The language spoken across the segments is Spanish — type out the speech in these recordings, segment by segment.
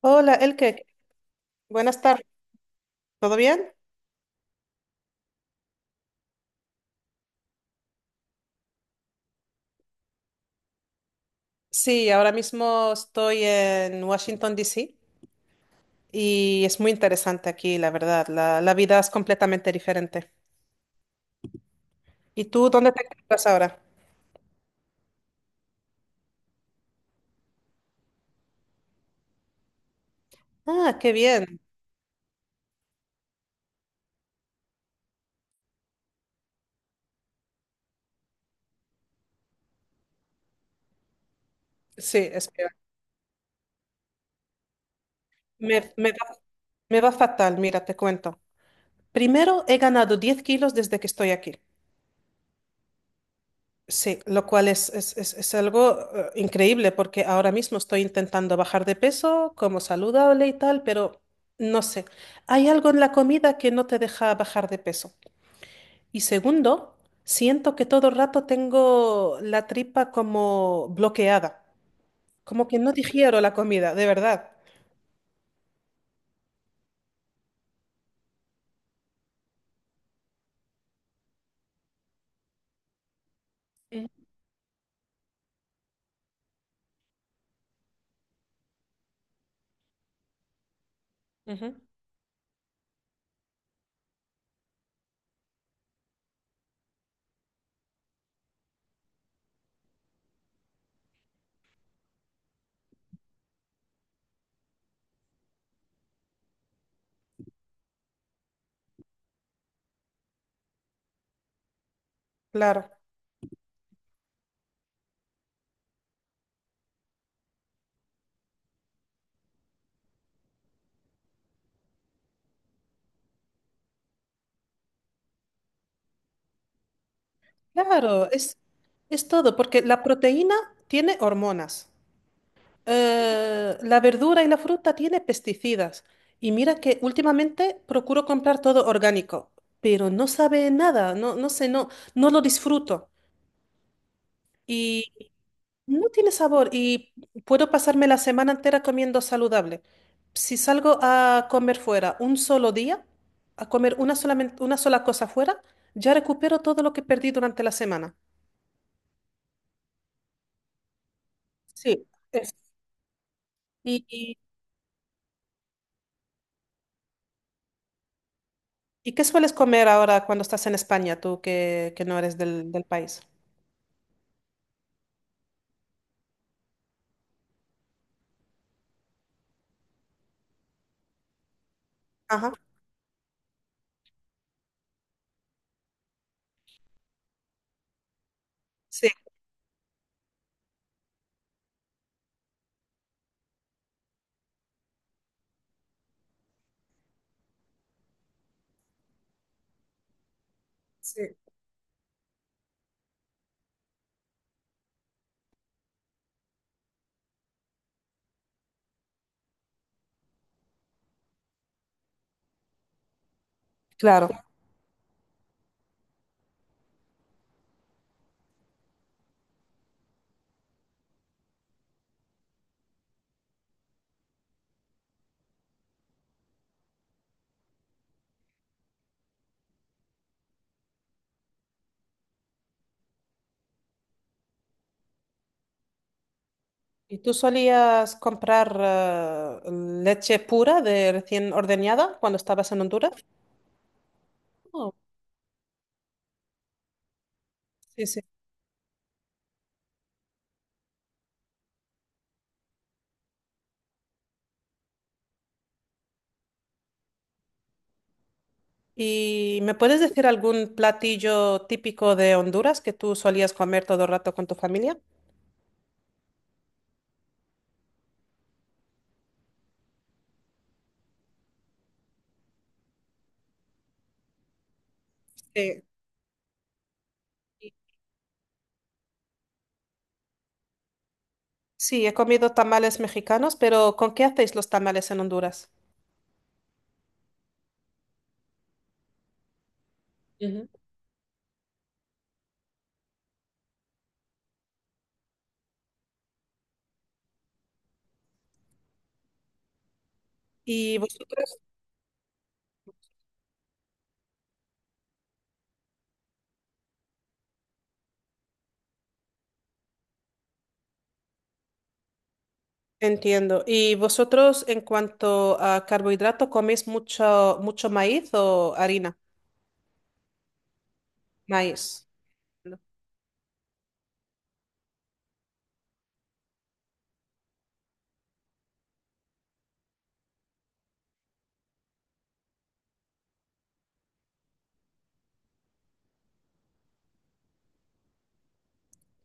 Hola, Elke. Buenas tardes. ¿Todo bien? Sí, ahora mismo estoy en Washington, D.C., y es muy interesante aquí, la verdad. La vida es completamente diferente. ¿Y tú dónde te encuentras ahora? Ah, qué bien. Sí, espera. Me, me va, Me va fatal, mira, te cuento. Primero, he ganado 10 kilos desde que estoy aquí. Sí, lo cual es algo increíble porque ahora mismo estoy intentando bajar de peso, como saludable y tal, pero no sé, hay algo en la comida que no te deja bajar de peso. Y segundo, siento que todo el rato tengo la tripa como bloqueada, como que no digiero la comida, de verdad. Ujú, ujú. Claro, claro, es todo, porque la proteína tiene hormonas. La verdura y la fruta tiene pesticidas. Y mira que últimamente procuro comprar todo orgánico, pero no sabe nada, no, no sé, no, no lo disfruto. Y no tiene sabor y puedo pasarme la semana entera comiendo saludable. Si salgo a comer fuera un solo día, a comer una solamente, una sola cosa fuera, ya recupero todo lo que perdí durante la semana. Sí, es- Y, ¿y qué sueles comer ahora cuando estás en España, tú que no eres del país? Ajá, sí, sí. Claro. ¿Y tú solías comprar eh, leche pura de recién ordeñada cuando estabas en Honduras? Oh, sí, sí. ¿Y me puedes decir algún platillo típico de Honduras que tú solías comer todo el rato con tu familia? Sí. Sí, he comido tamales mexicanos, pero ¿con qué hacéis los tamales en Honduras? Ujú. ¿Y vosotros? Entiendo. ¿Y vosotros en cuanto a carbohidrato coméis mucho, mucho maíz o harina? Maíz. No.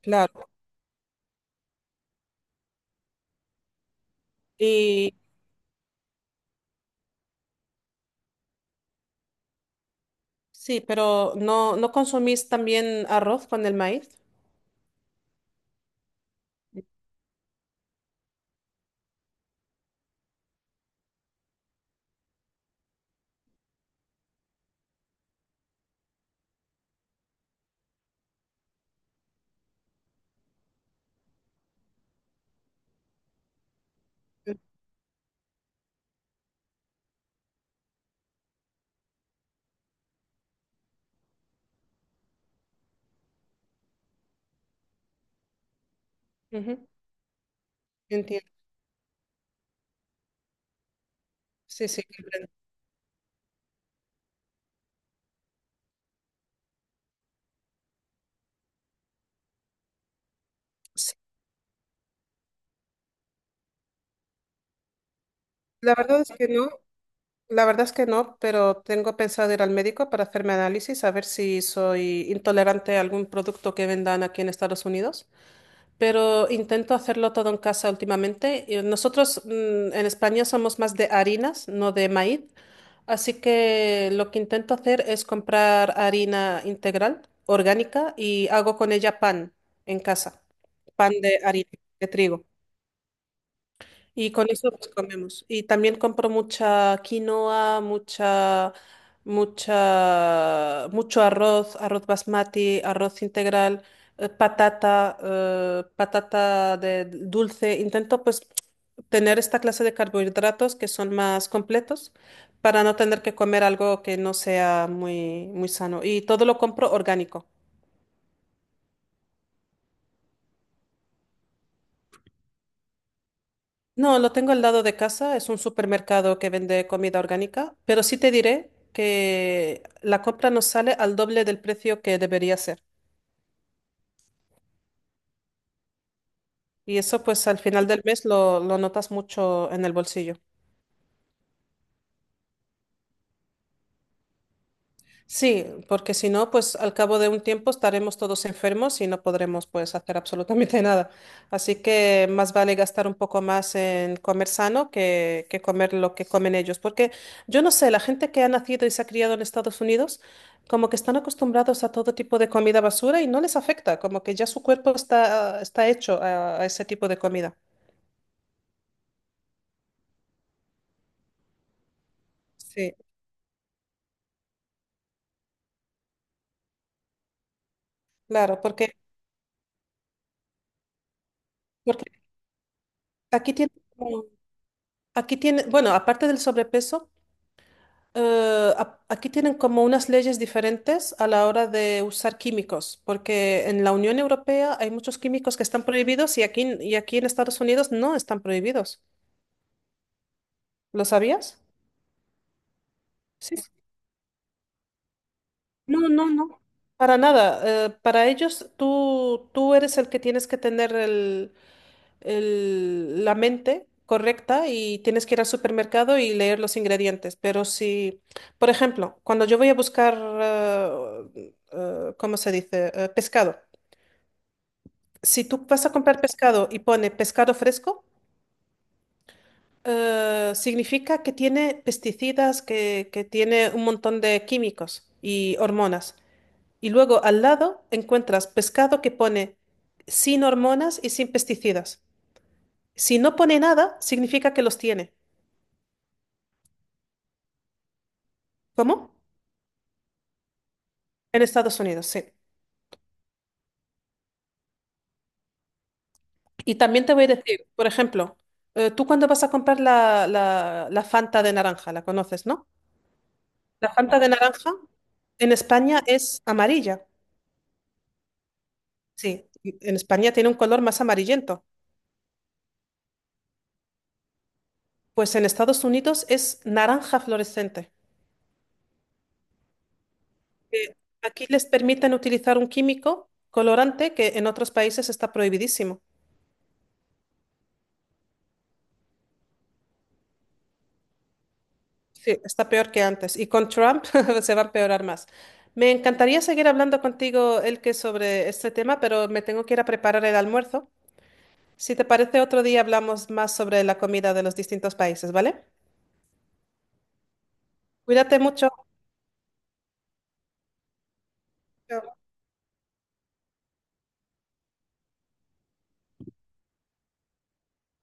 Claro. Y sí, pero ¿no, no consumís también arroz con el maíz? Ujú, entiendo. Sí, sí, comprendo. Sí, la verdad es que no, la verdad es que no, pero tengo pensado ir al médico para hacerme análisis, a ver si soy intolerante a algún producto que vendan aquí en Estados Unidos. Pero intento hacerlo todo en casa últimamente. Y nosotros, en España somos más de harinas, no de maíz, así que lo que intento hacer es comprar harina integral, orgánica, y hago con ella pan en casa, pan de harina, de trigo. Y con eso pues comemos. Y también compro mucha quinoa, mucha, mucha, mucho arroz, arroz basmati, arroz integral, patata, patata de dulce. Intento pues tener esta clase de carbohidratos que son más completos para no tener que comer algo que no sea muy, muy sano. Y todo lo compro orgánico. No, lo tengo al lado de casa, es un supermercado que vende comida orgánica, pero sí te diré que la compra nos sale al doble del precio que debería ser. Y eso pues al final del mes lo notas mucho en el bolsillo. Sí, porque si no, pues al cabo de un tiempo estaremos todos enfermos y no podremos pues hacer absolutamente nada. Así que más vale gastar un poco más en comer sano que comer lo que comen ellos. Porque yo no sé, la gente que ha nacido y se ha criado en Estados Unidos, como que están acostumbrados a todo tipo de comida basura y no les afecta, como que ya su cuerpo está, está hecho a ese tipo de comida. Sí, claro, porque, porque aquí tiene, como- aquí tiene, bueno, aparte del sobrepeso. Aquí tienen como unas leyes diferentes a la hora de usar químicos, porque en la Unión Europea hay muchos químicos que están prohibidos y aquí en Estados Unidos no están prohibidos. ¿Lo sabías? No, no, no, para nada. Para ellos, tú eres el que tienes que tener el- la mente correcta y tienes que ir al supermercado y leer los ingredientes. Pero si, por ejemplo, cuando yo voy a buscar, ¿cómo se dice? Pescado. Si tú vas a comprar pescado y pone pescado fresco, significa que tiene pesticidas, que tiene un montón de químicos y hormonas. Y luego al lado encuentras pescado que pone sin hormonas y sin pesticidas. Si no pone nada, significa que los tiene. ¿Cómo? En Estados Unidos, sí. Y también te voy a decir, por ejemplo, tú cuando vas a comprar la Fanta de naranja, la conoces, ¿no? La Fanta de naranja en España es amarilla. Sí, en España tiene un color más amarillento. Pues en Estados Unidos es naranja fluorescente. Que aquí les permiten utilizar un químico colorante que en otros países está prohibidísimo. Sí, está peor que antes. Y con Trump se va a empeorar más. Me encantaría seguir hablando contigo, Elke, sobre este tema, pero me tengo que ir a preparar el almuerzo. Si te parece, otro día hablamos más sobre la comida de los distintos países, ¿vale? Cuídate mucho. Chao.